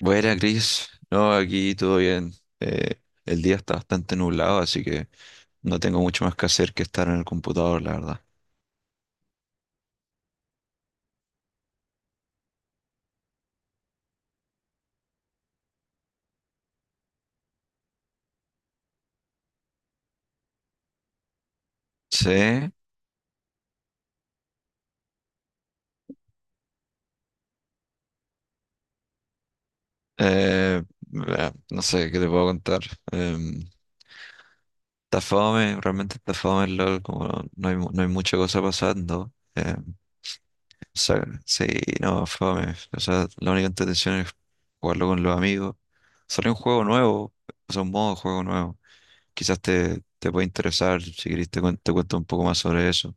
Buena, Cris. No, aquí todo bien. El día está bastante nublado, así que no tengo mucho más que hacer que estar en el computador, la verdad. Sí, bah, no sé qué te puedo contar. Em, Está fome, realmente está fome el LOL, como no hay, no hay mucha cosa pasando. Em, o Sí, no, fome. O sea, la única intención es jugarlo con los amigos. Salió un juego nuevo, o sea, un modo de juego nuevo. Quizás te puede interesar. Si querés te cuento un poco más sobre eso.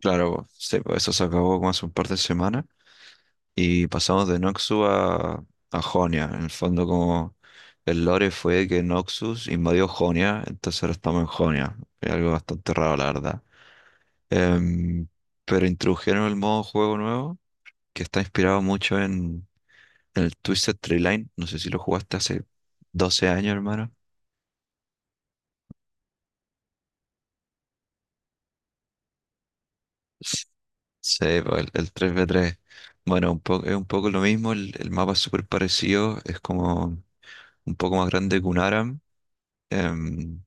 Claro, po. Sí, pues eso se acabó como hace un par de semanas y pasamos de a Jonia. En el fondo, como el lore fue que Noxus invadió Jonia, entonces ahora estamos en Jonia. Es algo bastante raro, la verdad. Em, pero introdujeron el modo juego nuevo que está inspirado mucho en el Twisted Tree Line. No sé si lo jugaste hace 12 años, hermano. Sí, pues, el 3v3. Bueno, es un poco lo mismo. El mapa es súper parecido, es como un poco más grande que un ARAM. em,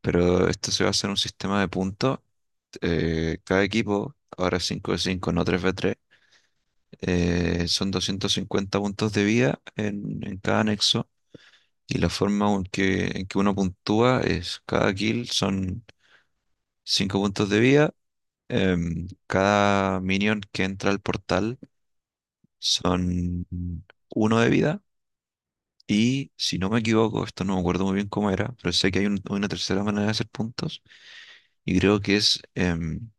pero esto se basa en un sistema de puntos. Cada equipo, ahora 5 de cinco, no tres v tres, son 250 puntos de vida en cada anexo. Y la forma en en que uno puntúa, es cada kill son 5 puntos de vida. Cada minion que entra al portal son uno de vida. Y si no me equivoco, esto no me acuerdo muy bien cómo era, pero sé que hay una tercera manera de hacer puntos, y creo que es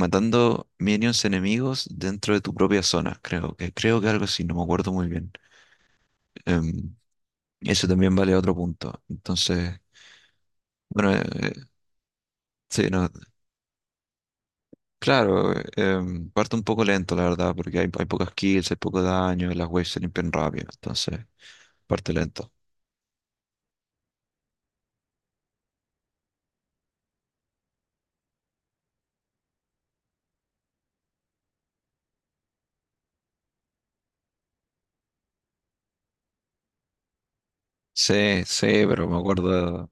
matando minions enemigos dentro de tu propia zona. Creo que algo así, no me acuerdo muy bien. Em, Eso también vale otro punto. Entonces, bueno, sí, no, claro, parto un poco lento, la verdad, porque hay pocas kills, hay poco daño, y las waves se limpian rápido. Entonces, parte lento. Sí, sí, pero me acuerdo.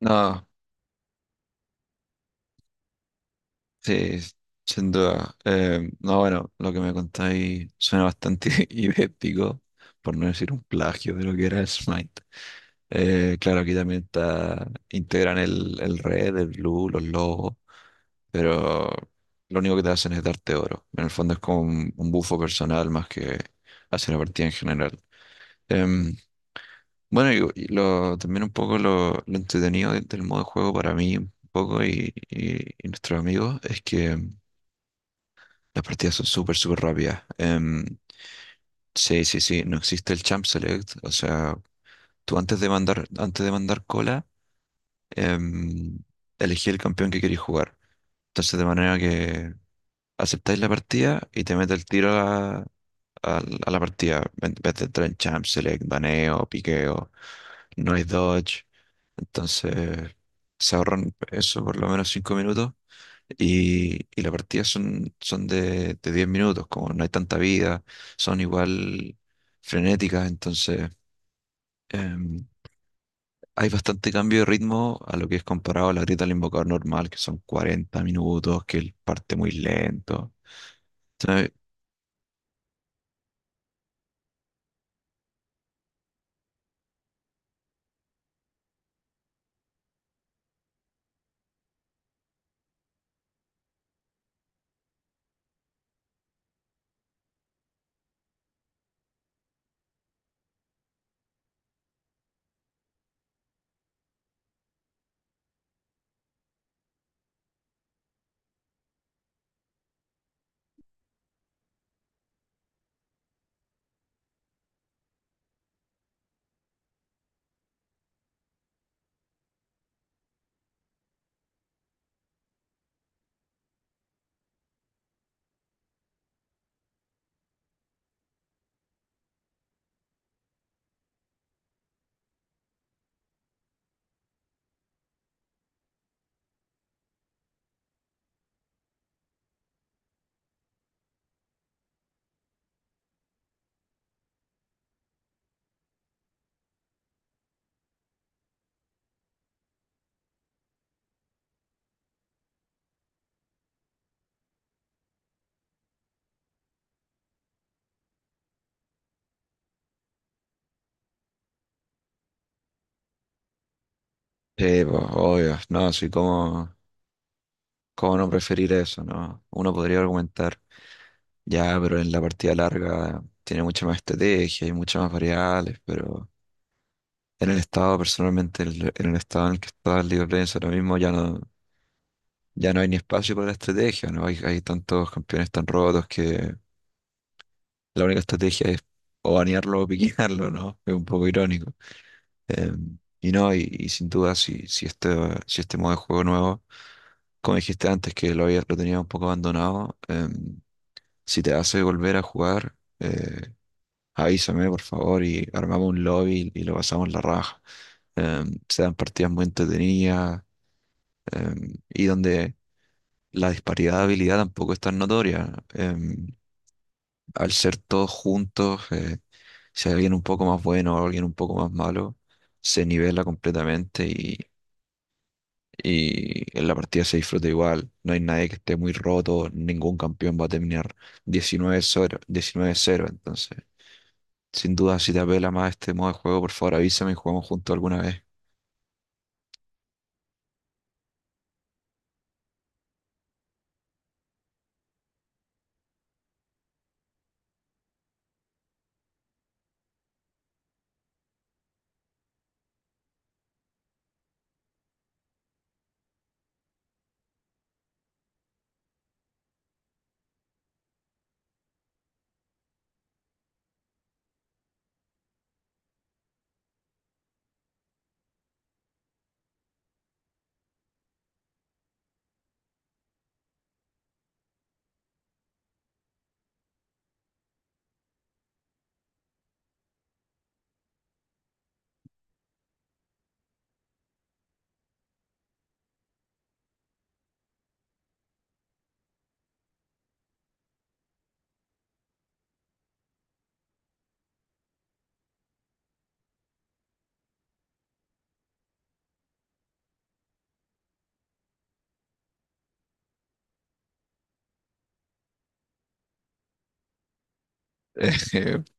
No. Sí, sin duda. No, bueno, lo que me contáis suena bastante idéntico, por no decir un plagio de lo que era el Smite. Claro, aquí también está, integran el red, el blue, los logos, pero lo único que te hacen es darte oro. En el fondo es como un bufo personal más que hacia la partida en general. Em, bueno, también un poco lo entretenido del modo de juego para mí, un poco y nuestros amigos, es que las partidas son súper, súper rápidas. Sí, sí, sí, no existe el champ select. O sea, tú antes de mandar cola, em, elegí el campeón que queréis jugar. Entonces, de manera que aceptáis la partida y te mete el tiro a a la partida. En vez de entrar en champ select, baneo, piqueo, no hay dodge. Entonces, se ahorran eso por lo menos 5 minutos. Y las partidas son, son de 10 minutos. Como no hay tanta vida, son igual frenéticas. Entonces, em, hay bastante cambio de ritmo a lo que es comparado a la grita del invocador normal, que son 40 minutos, que él parte muy lento. Entonces, sí, pues, obvio, no, sí, ¿cómo, cómo no preferir eso, no? Uno podría argumentar, ya, pero en la partida larga tiene mucha más estrategia, hay muchas más variables, pero en el estado, personalmente, en el estado en el que está el LeagueOf Legends ahora mismo, ya no, ya no hay ni espacio para la estrategia, ¿no? Hay tantos campeones tan rotos que la única estrategia es o banearlo o piquearlo, ¿no? Es un poco irónico. Eh, y sin duda, si este modo de juego nuevo, como dijiste antes, que lo lo tenía un poco abandonado, si te hace volver a jugar, avísame, por favor, y armamos un lobby y lo pasamos la raja. Eh, Se dan partidas muy entretenidas, y donde la disparidad de habilidad tampoco es tan notoria. Al ser todos juntos, si hay alguien un poco más bueno o alguien un poco más malo, se nivela completamente, y en la partida se disfruta igual. No hay nadie que esté muy roto, ningún campeón va a terminar 19 cero 19 cero entonces. Sin duda, si te apela más este modo de juego, por favor avísame y jugamos juntos alguna vez.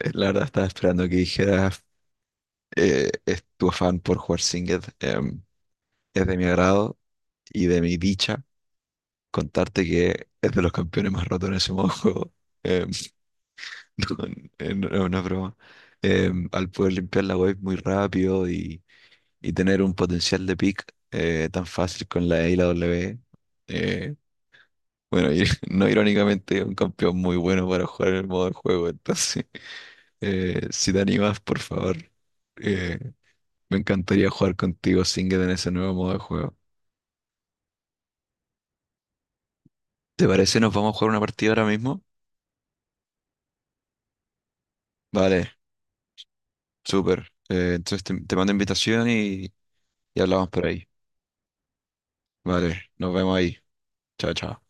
La verdad estaba esperando que dijeras es tu afán por jugar Singed. Es de mi agrado y de mi dicha contarte que es de los campeones más rotos en ese modo de juego. Em, no, no, no es una broma. Al poder limpiar la wave muy rápido, y tener un potencial de pick tan fácil con la E y la W. eh, bueno, y no irónicamente, un campeón muy bueno para jugar en el modo de juego. Entonces, si te animas, por favor, eh, me encantaría jugar contigo, Singed, en ese nuevo modo de juego. ¿Te parece? ¿Nos vamos a jugar una partida ahora mismo? Vale. Súper. Entonces te mando invitación, y hablamos por ahí. Vale, nos vemos ahí. Chao, chao.